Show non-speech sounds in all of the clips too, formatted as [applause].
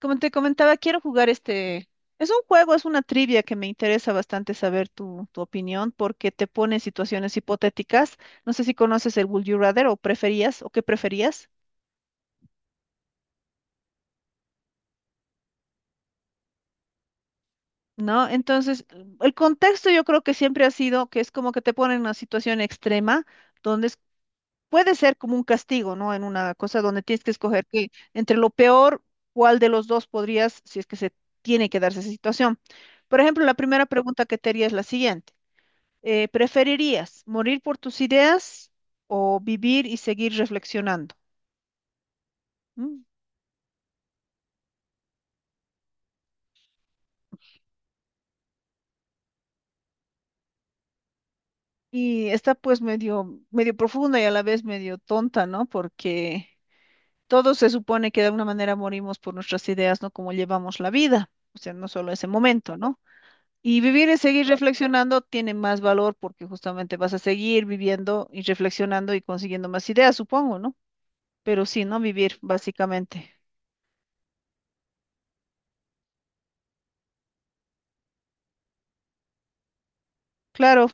Como te comentaba, quiero jugar este. Es un juego, es una trivia que me interesa bastante saber tu opinión porque te pone en situaciones hipotéticas. No sé si conoces el Would You Rather o preferías o qué preferías, ¿no? Entonces, el contexto yo creo que siempre ha sido que es como que te ponen en una situación extrema donde puede ser como un castigo, ¿no? En una cosa donde tienes que escoger que entre lo peor, cuál de los dos podrías, si es que se tiene que darse esa situación. Por ejemplo, la primera pregunta que te haría es la siguiente. ¿Preferirías morir por tus ideas o vivir y seguir reflexionando? ¿Mm? Y está pues medio profunda y a la vez medio tonta, ¿no? Porque todos se supone que de alguna manera morimos por nuestras ideas, ¿no? Como llevamos la vida, o sea, no solo ese momento, ¿no? Y vivir y seguir reflexionando tiene más valor porque justamente vas a seguir viviendo y reflexionando y consiguiendo más ideas, supongo, ¿no? Pero sí, ¿no? Vivir, básicamente. Claro,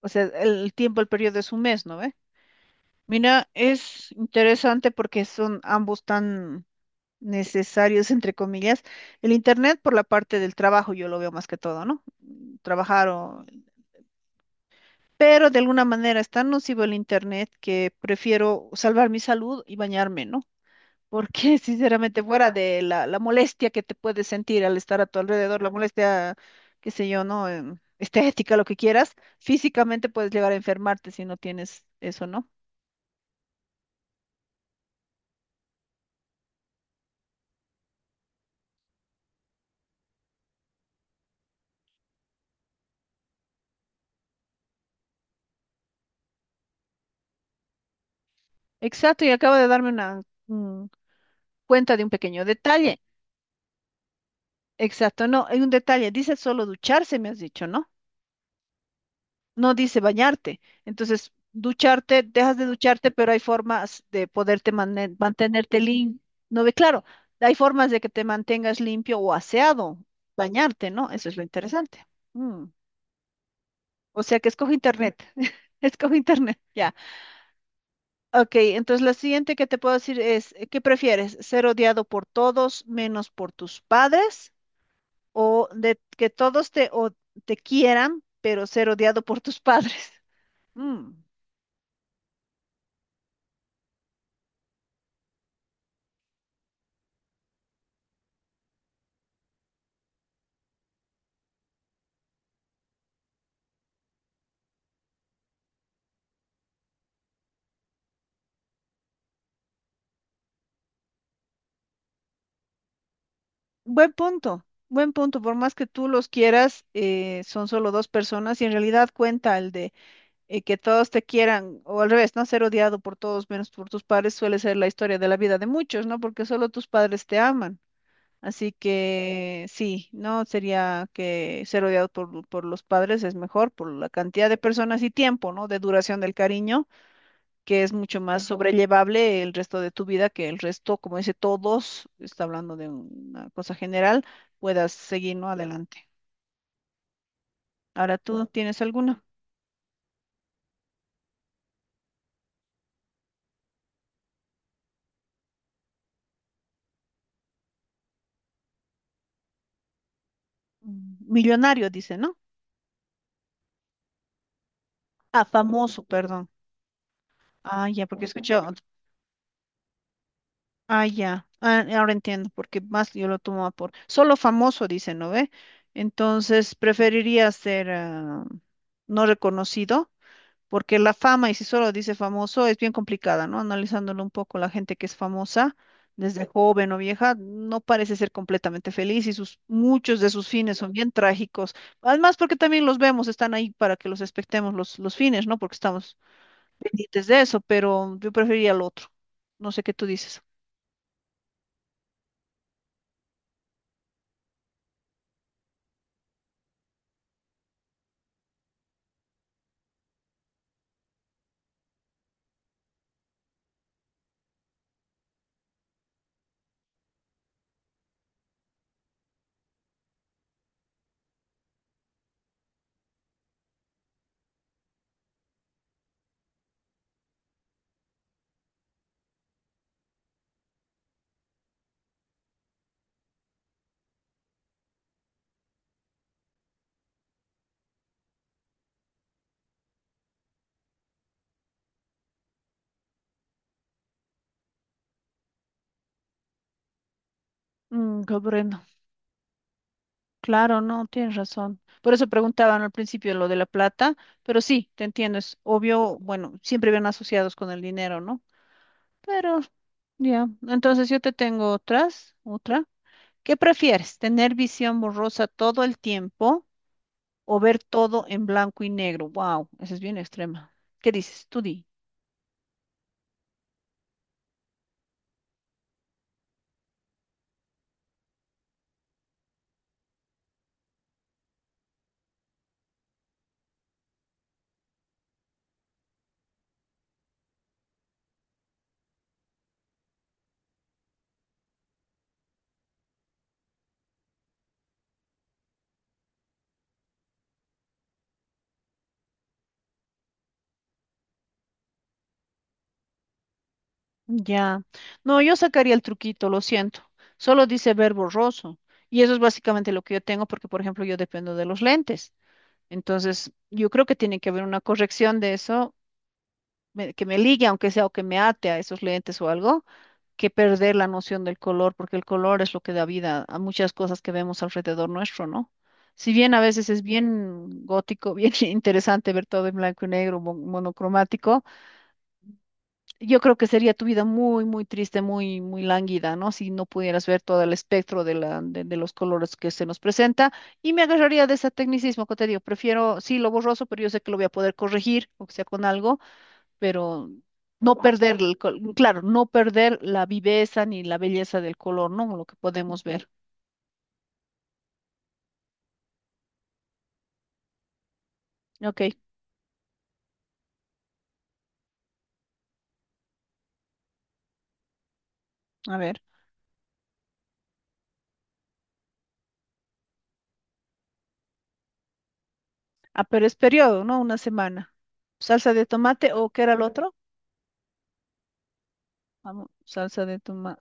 o sea, el tiempo, el periodo es un mes, ¿no? ve Mira, es interesante porque son ambos tan necesarios, entre comillas. El Internet por la parte del trabajo, yo lo veo más que todo, ¿no? Trabajar o... Pero de alguna manera es tan nocivo el Internet que prefiero salvar mi salud y bañarme, ¿no? Porque [laughs] sinceramente fuera de la molestia que te puedes sentir al estar a tu alrededor, la molestia, qué sé yo, ¿no? Estética, lo que quieras, físicamente puedes llegar a enfermarte si no tienes eso, ¿no? Exacto, y acaba de darme una... cuenta de un pequeño detalle. Exacto, no, hay un detalle. Dice solo ducharse, me has dicho, ¿no? No dice bañarte. Entonces, ducharte, dejas de ducharte, pero hay formas de poderte mantenerte limpio. No ve, claro, hay formas de que te mantengas limpio o aseado, bañarte, ¿no? Eso es lo interesante. Mm, O sea que escoge internet. [laughs] Escoge internet, ya. Ok, entonces la siguiente que te puedo decir es, ¿qué prefieres? ¿Ser odiado por todos menos por tus padres? O de que todos te, o- te quieran, pero ser odiado por tus [laughs] padres. Mm, buen punto, buen punto. Por más que tú los quieras, son solo dos personas y en realidad cuenta el de que todos te quieran, o al revés, ¿no? Ser odiado por todos menos por tus padres suele ser la historia de la vida de muchos, ¿no? Porque solo tus padres te aman. Así que sí, no sería que ser odiado por los padres es mejor por la cantidad de personas y tiempo, ¿no? De duración del cariño que es mucho más sobrellevable el resto de tu vida que el resto, como dice todos, está hablando de una cosa general, puedas seguir, ¿no? Adelante. Ahora tú tienes alguna. Millonario, dice, ¿no? Ah, famoso, perdón. Ah, ya, porque escuché. Ah, ya. Ah, ahora entiendo, porque más yo lo tomaba por. Solo famoso, dice, ¿no ve? Entonces, preferiría ser no reconocido porque la fama, y si solo dice famoso, es bien complicada, ¿no? Analizándolo un poco, la gente que es famosa, desde joven o vieja, no parece ser completamente feliz y muchos de sus fines son bien trágicos. Además, porque también los vemos, están ahí para que los expectemos los fines, ¿no? Porque estamos pendientes de eso, pero yo preferiría el otro. No sé qué tú dices. Comprendo. Claro, no, tienes razón. Por eso preguntaban al principio lo de la plata, pero sí, te entiendo, es obvio, bueno, siempre van asociados con el dinero, ¿no? Pero ya, entonces yo te tengo otra. ¿Qué prefieres? ¿Tener visión borrosa todo el tiempo o ver todo en blanco y negro? Wow, esa es bien extrema. ¿Qué dices? Tú di. Ya. No, yo sacaría el truquito, lo siento. Solo dice ver borroso. Y eso es básicamente lo que yo tengo porque, por ejemplo, yo dependo de los lentes. Entonces, yo creo que tiene que haber una corrección de eso que me ligue, aunque sea, o que me ate a esos lentes o algo, que perder la noción del color, porque el color es lo que da vida a muchas cosas que vemos alrededor nuestro, ¿no? Si bien a veces es bien gótico, [laughs] bien interesante ver todo en blanco y negro, monocromático, yo creo que sería tu vida muy triste, muy lánguida, ¿no? Si no pudieras ver todo el espectro de los colores que se nos presenta. Y me agarraría de ese tecnicismo que te digo, prefiero, sí, lo borroso, pero yo sé que lo voy a poder corregir, o sea, con algo pero no perder, claro, no perder la viveza ni la belleza del color, ¿no? Lo que podemos ver. Ok, a ver. Ah, pero es periodo, ¿no? Una semana. ¿Salsa de tomate o qué era el otro? Vamos, salsa de tomate.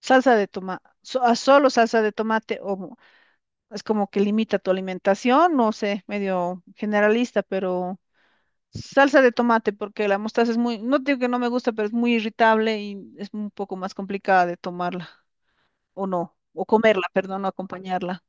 Salsa de tomate. Solo salsa de tomate o mo- Es como que limita tu alimentación, no sé, medio generalista, pero salsa de tomate porque la mostaza es muy, no digo que no me gusta, pero es muy irritable y es un poco más complicada de tomarla. O no, o comerla, perdón, o acompañarla.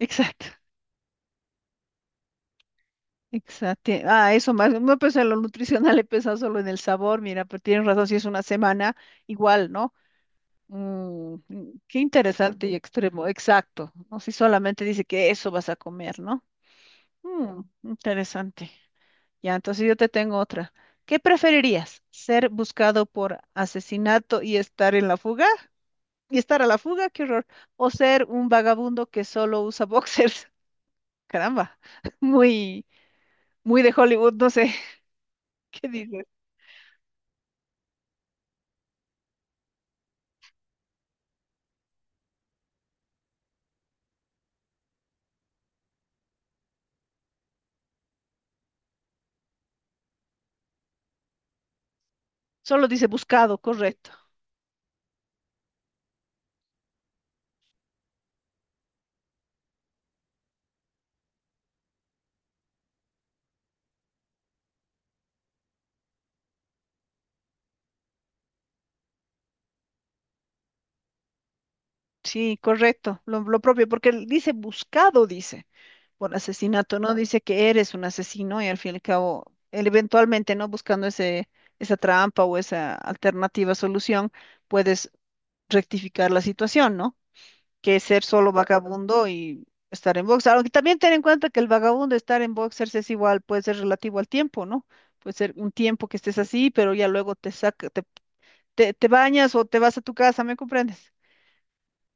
Exacto, exacto. Ah, eso más, no no, pues en lo nutricional [laughs] he pensado solo en el sabor, mira, pero tienes razón, si es una semana, igual, ¿no? Qué interesante y extremo, exacto, no si solamente dice que eso vas a comer, ¿no? Interesante. Ya, entonces yo te tengo otra. ¿Qué preferirías? ¿Ser buscado por asesinato y estar en la fuga? ¿Y estar a la fuga? ¡Qué horror! ¿O ser un vagabundo que solo usa [laughs] boxers? Caramba, [laughs] muy, muy de Hollywood, no sé [laughs] qué dice. Solo dice buscado, correcto. Sí, correcto, lo propio, porque él dice buscado, dice, por asesinato, no dice que eres un asesino y al fin y al cabo, él eventualmente, ¿no? Buscando esa trampa o esa alternativa solución, puedes rectificar la situación, ¿no? Que ser solo vagabundo y estar en boxer. Aunque también ten en cuenta que el vagabundo estar en boxers es igual, puede ser relativo al tiempo, ¿no? Puede ser un tiempo que estés así, pero ya luego te bañas o te vas a tu casa, ¿me comprendes?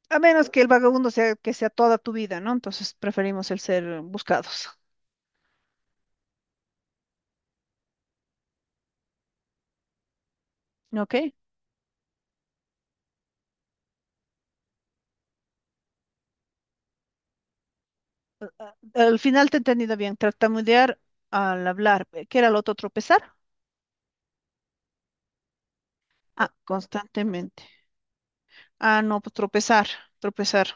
A menos que el vagabundo sea toda tu vida, ¿no? Entonces preferimos el ser buscados. ¿Ok? Al final te he entendido bien. Tartamudear al hablar. ¿Qué era lo otro? ¿Tropezar? Ah, constantemente. Ah, no, pues tropezar.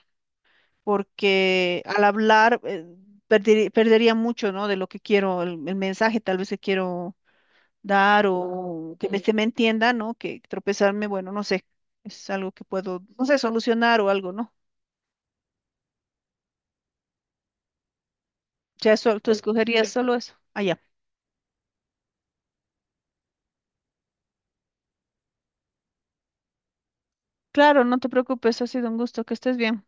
Porque al hablar perdería mucho, ¿no? De lo que quiero, el mensaje tal vez que quiero dar o que me, se me entienda, ¿no? Que tropezarme, bueno, no sé, es algo que puedo, no sé, solucionar o algo, ¿no? Ya eso, tú escogerías solo eso. Allá. Claro, no te preocupes, ha sido un gusto, que estés bien.